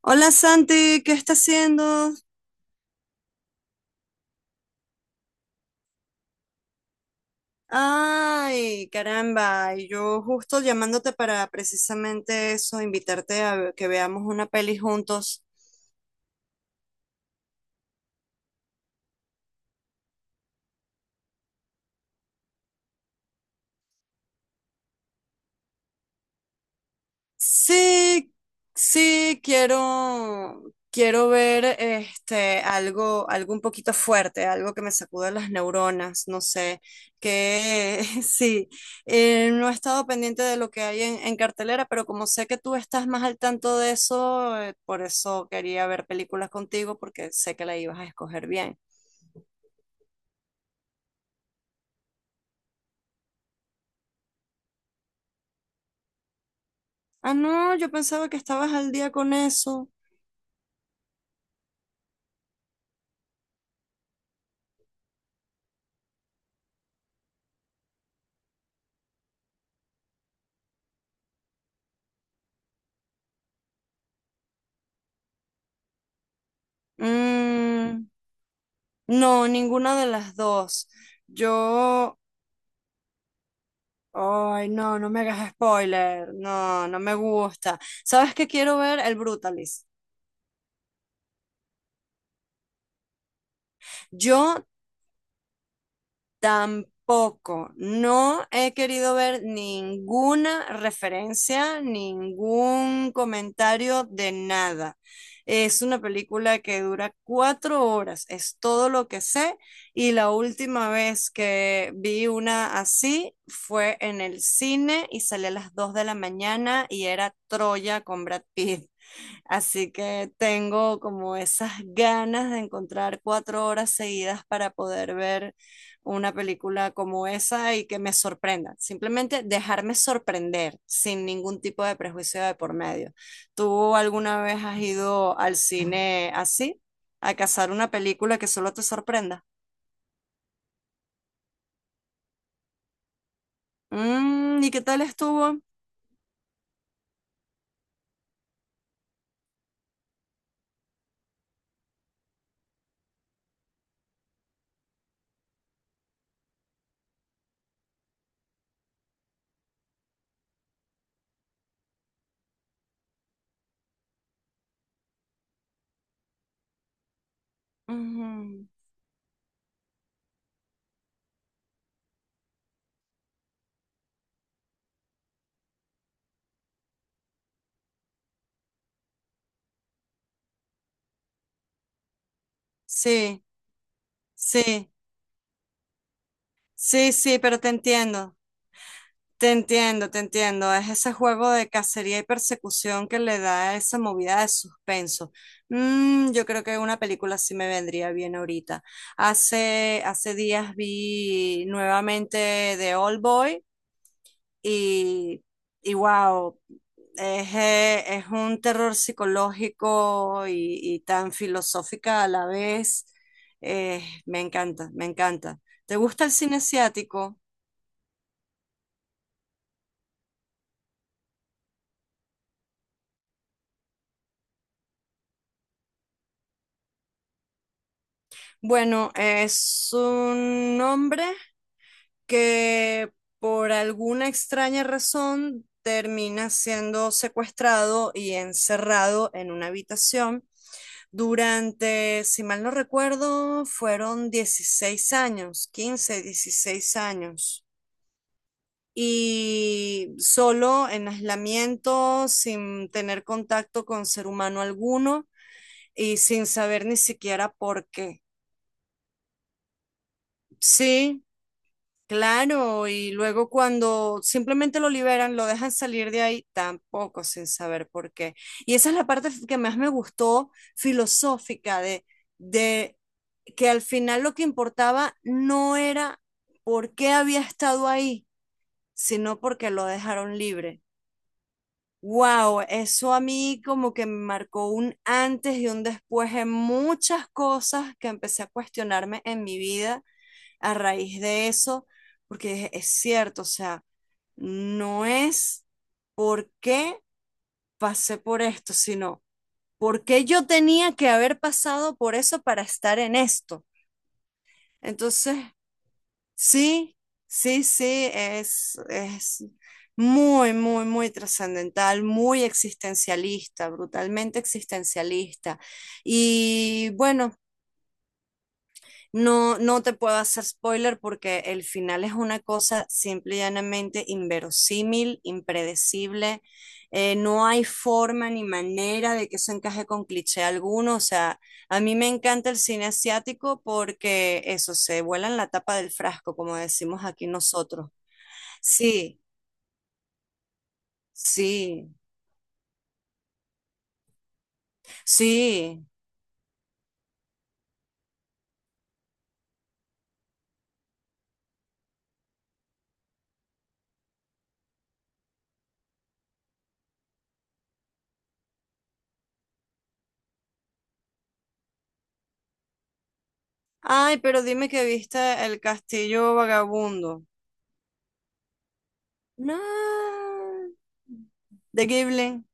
Hola Santi, ¿qué estás haciendo? Ay, caramba, y yo justo llamándote para precisamente eso, invitarte a que veamos una peli juntos. Sí, sí, quiero ver algo, algo un poquito fuerte, algo que me sacuda las neuronas, no sé, que sí, no he estado pendiente de lo que hay en cartelera, pero como sé que tú estás más al tanto de eso, por eso quería ver películas contigo, porque sé que la ibas a escoger bien. Ah, no, yo pensaba que estabas al día con eso. Mm, no, ninguna de las dos. Yo ay, no, no me hagas spoiler. No, no me gusta. ¿Sabes qué quiero ver? El Brutalist. Yo tampoco. No he querido ver ninguna referencia, ningún comentario de nada. Es una película que dura cuatro horas, es todo lo que sé. Y la última vez que vi una así fue en el cine y salí a las dos de la mañana y era Troya con Brad Pitt. Así que tengo como esas ganas de encontrar cuatro horas seguidas para poder ver una película como esa y que me sorprenda. Simplemente dejarme sorprender sin ningún tipo de prejuicio de por medio. ¿Tú alguna vez has ido al cine así? ¿A cazar una película que solo te sorprenda? Mm, ¿y qué tal estuvo? Ujú. Sí, sí, sí, sí, pero te entiendo. Te entiendo, te entiendo. Es ese juego de cacería y persecución que le da esa movida de suspenso. Mm, yo creo que una película sí me vendría bien ahorita. Hace días vi nuevamente The Old Boy y, y wow, es un terror psicológico y tan filosófica a la vez. Me encanta, me encanta. ¿Te gusta el cine asiático? Bueno, es un hombre que por alguna extraña razón termina siendo secuestrado y encerrado en una habitación durante, si mal no recuerdo, fueron 16 años, 15, 16 años. Y solo en aislamiento, sin tener contacto con ser humano alguno y sin saber ni siquiera por qué. Sí, claro, y luego cuando simplemente lo liberan, lo dejan salir de ahí, tampoco sin saber por qué. Y esa es la parte que más me gustó filosófica de que al final lo que importaba no era por qué había estado ahí, sino porque lo dejaron libre. Wow, eso a mí como que me marcó un antes y un después en muchas cosas que empecé a cuestionarme en mi vida a raíz de eso, porque es cierto, o sea, no es por qué pasé por esto, sino por qué yo tenía que haber pasado por eso para estar en esto. Entonces, sí, sí, es muy trascendental, muy existencialista, brutalmente existencialista. Y bueno, no, no te puedo hacer spoiler porque el final es una cosa simple y llanamente inverosímil, impredecible. No hay forma ni manera de que eso encaje con cliché alguno. O sea, a mí me encanta el cine asiático porque eso se vuela en la tapa del frasco, como decimos aquí nosotros. Sí, sí, sí. Ay, pero dime que viste El Castillo Vagabundo. No, de Ghibli.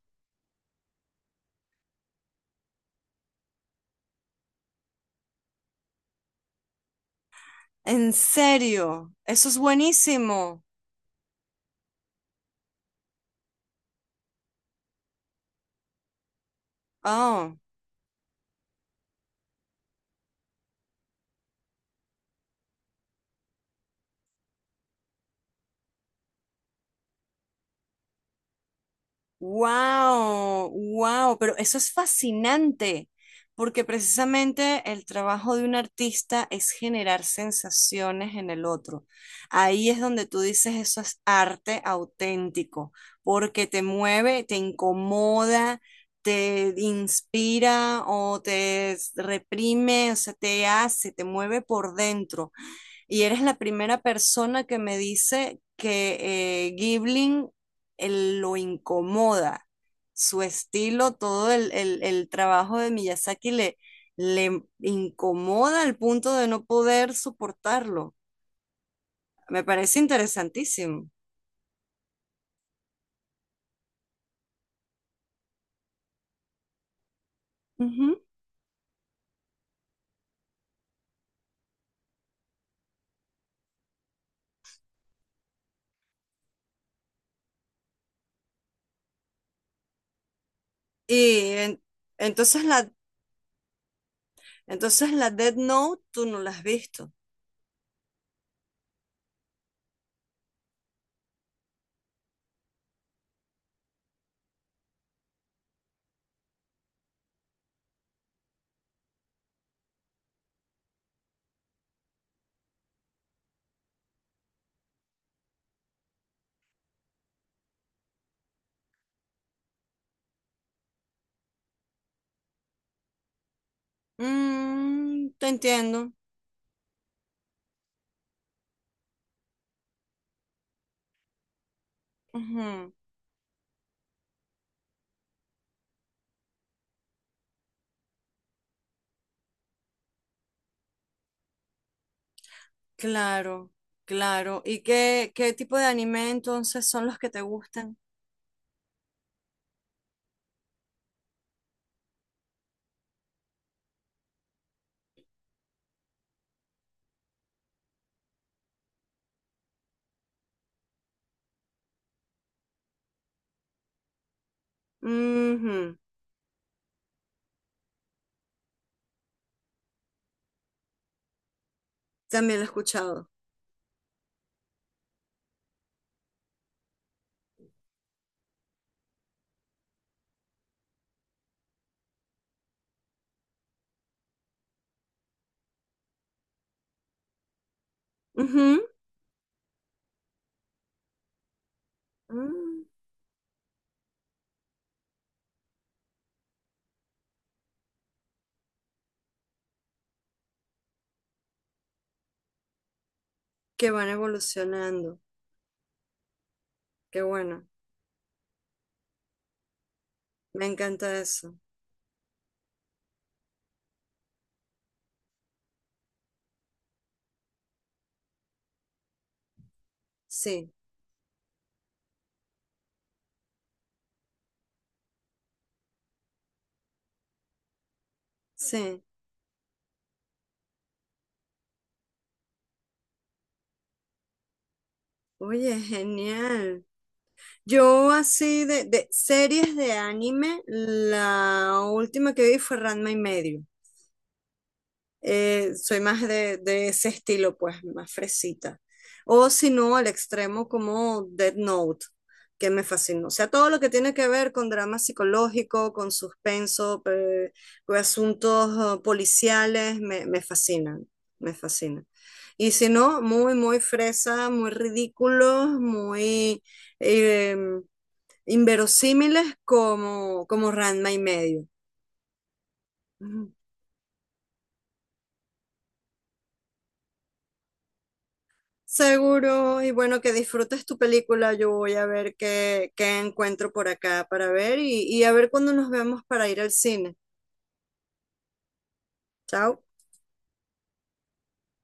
En serio, eso es buenísimo. Oh, wow, wow, pero eso es fascinante, porque precisamente el trabajo de un artista es generar sensaciones en el otro. Ahí es donde tú dices eso es arte auténtico, porque te mueve, te incomoda, te inspira o te reprime, o sea, te hace, te mueve por dentro. Y eres la primera persona que me dice que Gibling él lo incomoda. Su estilo, el trabajo de Miyazaki le incomoda al punto de no poder soportarlo. Me parece interesantísimo. Ujú. Y en- entonces la, entonces la Death Note tú no la has visto. Mm, te entiendo. Ujú. Claro, claro. ¿Y qué, qué tipo de anime entonces son los que te gustan? Ujú, también lo he escuchado. Ujú, mm, que van evolucionando. Qué bueno. Me encanta eso. Sí, sí. Oye, genial. Yo así de series de anime, la última que vi fue Ranma y medio. Eh, soy más de ese estilo, pues, más fresita. O si no, al extremo como Dead Note, que me fascinó. O sea, todo lo que tiene que ver con drama psicológico, con suspenso, con asuntos policiales, me fascinan, me fascinan. Y si no, muy, muy fresa, muy ridículos, muy eh, inverosímiles como, como Ranma y medio. Seguro, y bueno, que disfrutes tu película. Yo voy a ver qué encuentro por acá para ver y a ver cuándo nos vemos para ir al cine. Chao.